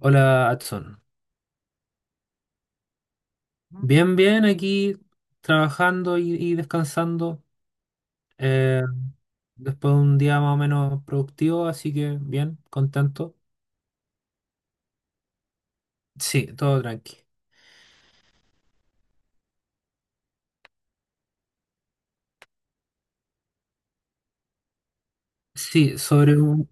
Hola, Adson. Bien, bien, aquí trabajando y descansando. eh, Después de un día más o menos productivo, así que bien, contento. Sí, todo tranqui. Sí,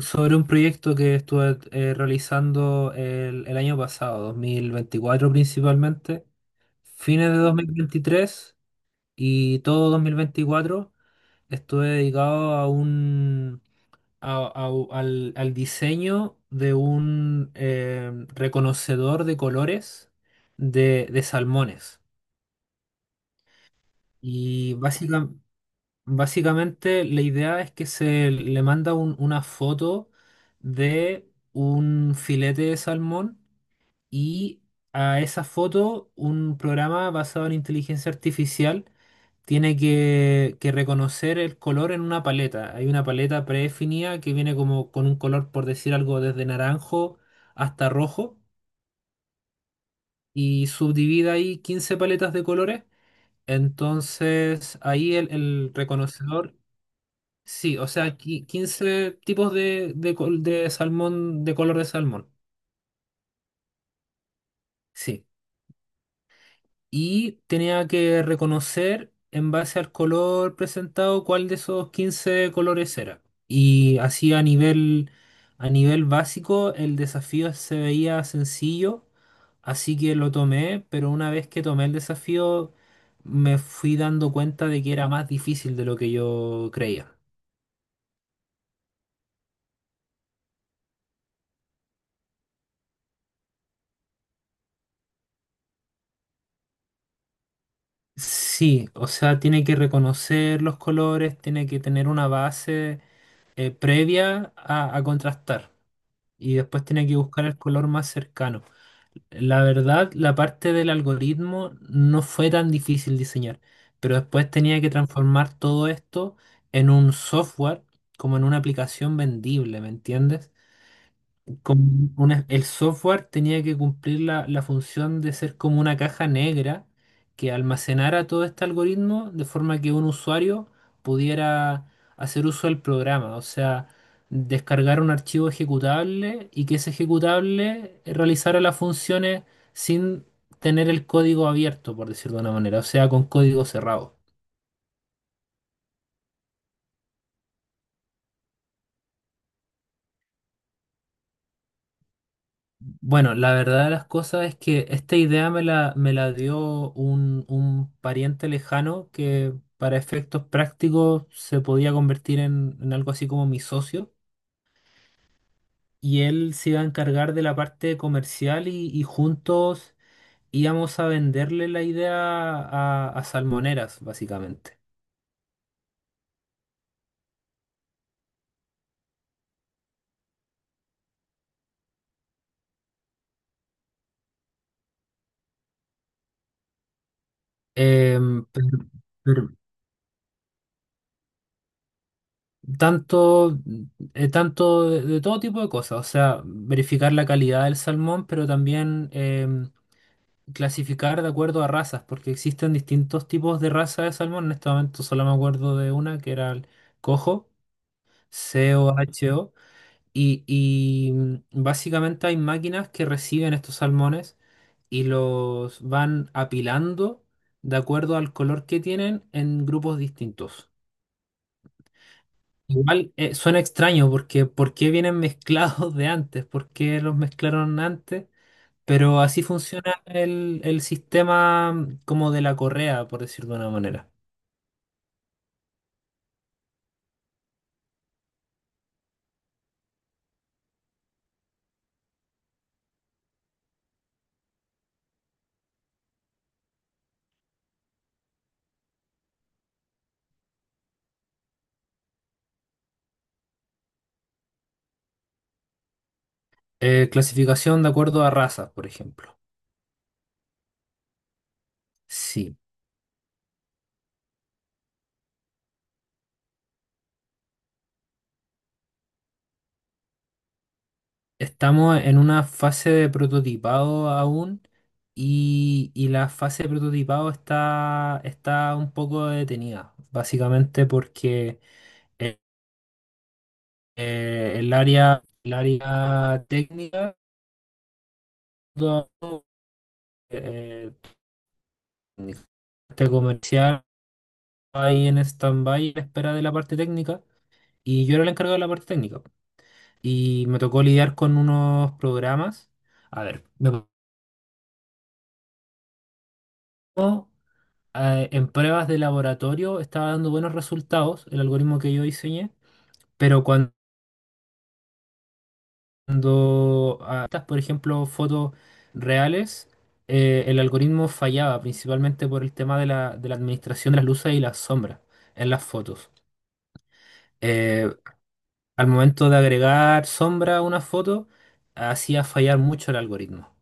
sobre un proyecto que estuve realizando el año pasado, 2024 principalmente, fines de 2023 y todo 2024 estuve dedicado a un, a- al, al diseño de un reconocedor de colores de salmones. Y básicamente la idea es que se le manda una foto de un filete de salmón y a esa foto un programa basado en inteligencia artificial tiene que reconocer el color en una paleta. Hay una paleta predefinida que viene como con un color, por decir algo, desde naranjo hasta rojo y subdivide ahí 15 paletas de colores. Entonces ahí el reconocedor, sí, o sea, 15 tipos de salmón, de color de salmón. Sí, y tenía que reconocer en base al color presentado cuál de esos 15 colores era. Y así a nivel básico el desafío se veía sencillo, así que lo tomé, pero una vez que tomé el desafío me fui dando cuenta de que era más difícil de lo que yo creía. Sí, o sea, tiene que reconocer los colores, tiene que tener una base previa a contrastar. Y después tenía que buscar el color más cercano. La verdad, la parte del algoritmo no fue tan difícil diseñar, pero después tenía que transformar todo esto en un software, como en una aplicación vendible, ¿me entiendes? Como el software tenía que cumplir la función de ser como una caja negra que almacenara todo este algoritmo de forma que un usuario pudiera hacer uso del programa, o sea, descargar un archivo ejecutable y que ese ejecutable realizara las funciones sin tener el código abierto, por decirlo de una manera, o sea, con código cerrado. Bueno, la verdad de las cosas es que esta idea me la dio un pariente lejano que para efectos prácticos se podía convertir en algo así como mi socio y él se iba a encargar de la parte comercial y juntos íbamos a venderle la idea a salmoneras, básicamente. Em, pero- pero tanto, tanto de todo tipo de cosas, o sea, verificar la calidad del salmón, pero también... clasificar de acuerdo a razas, porque existen distintos tipos de raza de salmón. En este momento solo me acuerdo de una que era el cojo, C o H O y básicamente hay máquinas que reciben estos salmones y los van apilando de acuerdo al color que tienen en grupos distintos. Igual suena extraño porque ¿por qué vienen mezclados de antes? ¿Por qué los mezclaron antes? Pero así funciona el sistema como de la correa, por decir de una manera. Clasificación de acuerdo a razas, por ejemplo. Sí, estamos en una fase de prototipado aún y la fase de prototipado está un poco detenida, básicamente porque eh, el área técnica, todo, eh, técnica, este comercial ahí en stand-by a la espera de la parte técnica. Y yo era el encargado de la parte técnica. Y me tocó lidiar con unos programas. A ver, me tocó, en pruebas de laboratorio estaba dando buenos resultados el algoritmo que yo diseñé, pero cuando estas, por ejemplo, fotos reales, el algoritmo fallaba principalmente por el tema de de la administración de las luces y las sombras en las fotos. Eh, Al momento de agregar sombra a una foto, hacía fallar mucho el algoritmo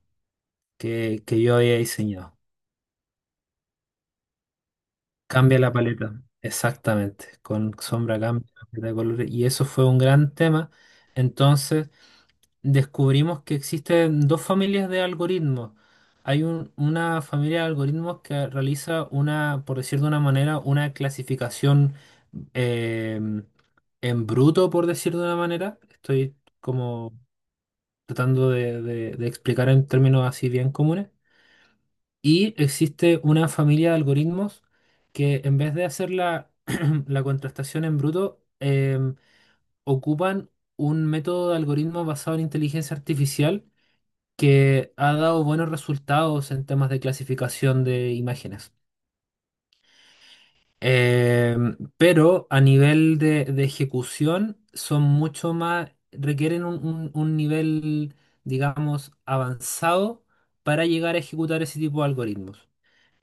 que yo había diseñado. Cambia la paleta, exactamente. Con sombra cambia la paleta de colores. Y eso fue un gran tema. Entonces descubrimos que existen dos familias de algoritmos. Hay una familia de algoritmos que realiza una, por decir de una manera, una clasificación eh, en bruto, por decir de una manera. Estoy como tratando de de explicar en términos así bien comunes y existe una familia de algoritmos que en vez de hacer la, la contrastación en bruto, ocupan un método de algoritmo basado en inteligencia artificial que ha dado buenos resultados en temas de clasificación de imágenes. Pero a nivel de ejecución son mucho más, requieren un nivel, digamos, avanzado para llegar a ejecutar ese tipo de algoritmos.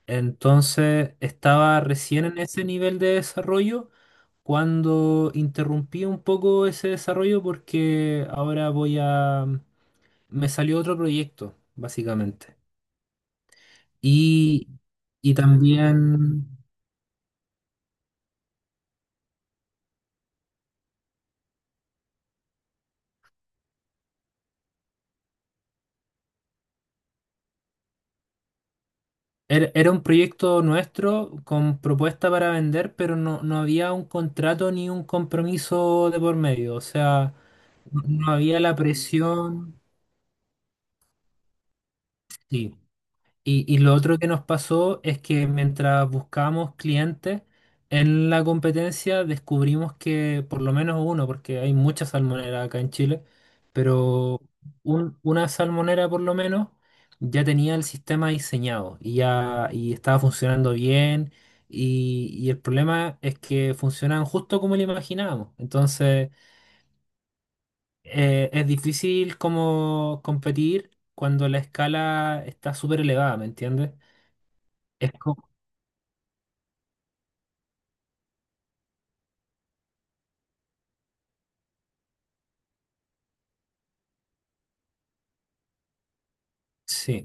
Entonces estaba recién en ese nivel de desarrollo cuando interrumpí un poco ese desarrollo porque ahora voy a... me salió otro proyecto, básicamente. Y, y también era, era un proyecto nuestro con propuesta para vender, pero no, no había un contrato ni un compromiso de por medio. O sea, no, no había la presión. Sí. Y lo otro que nos pasó es que mientras buscábamos clientes en la competencia, descubrimos que por lo menos uno, porque hay muchas salmoneras acá en Chile, pero una salmonera por lo menos ya tenía el sistema diseñado y ya y estaba funcionando bien. Y el problema es que funcionaban justo como lo imaginábamos. Entonces, es difícil como competir cuando la escala está súper elevada, ¿me entiendes? Sí,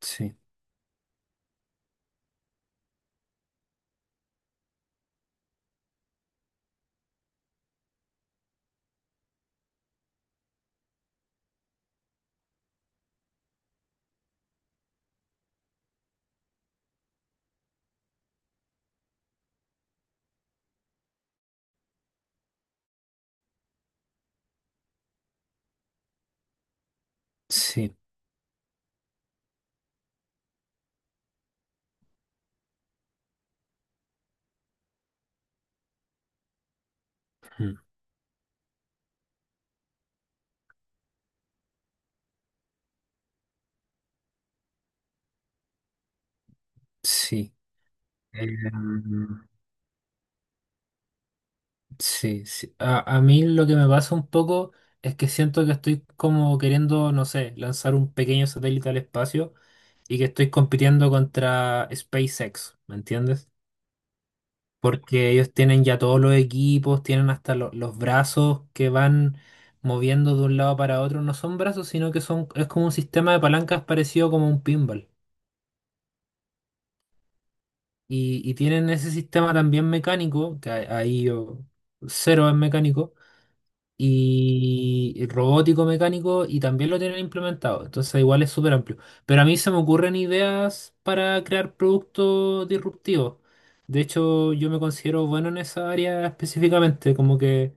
sí, sí, mm, sí. Em, sí, sí. A mí lo que me pasa un poco es que siento que estoy como queriendo, no sé, lanzar un pequeño satélite al espacio y que estoy compitiendo contra SpaceX, ¿me entiendes? Porque ellos tienen ya todos los equipos, tienen hasta los brazos que van moviendo de un lado para otro. No son brazos, sino que son, es como un sistema de palancas parecido como un pinball. Y tienen ese sistema también mecánico, que ahí yo cero es mecánico, y robótico mecánico, y también lo tienen implementado. Entonces igual es súper amplio. Pero a mí se me ocurren ideas para crear productos disruptivos. De hecho, yo me considero bueno en esa área específicamente, como que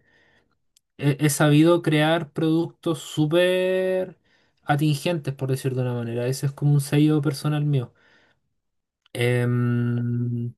he sabido crear productos súper atingentes, por decirlo de una manera. Ese es como un sello personal mío. Em,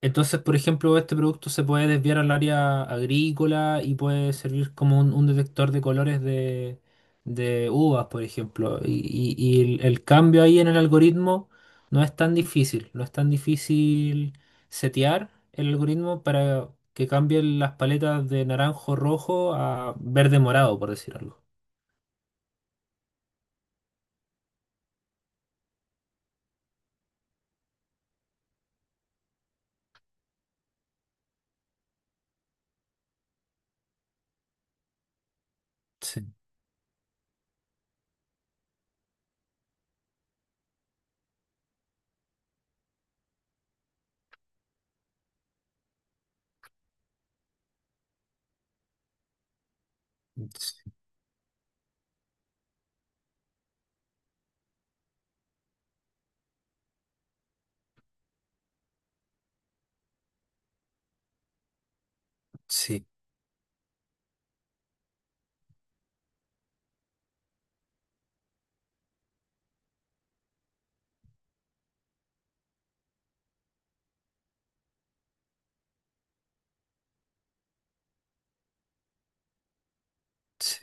entonces, por ejemplo, este producto se puede desviar al área agrícola y puede servir como un detector de colores de uvas, por ejemplo. El cambio ahí en el algoritmo no es tan difícil, no es tan difícil setear el algoritmo para que cambien las paletas de naranjo rojo a verde morado, por decir algo. Sí, sí, sí,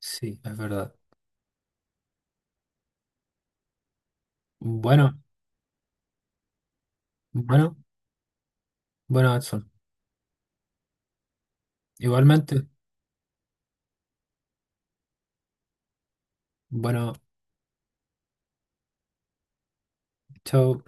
sí, es verdad. Bueno, bueno, bueno, Edson. Igualmente, bueno, chao.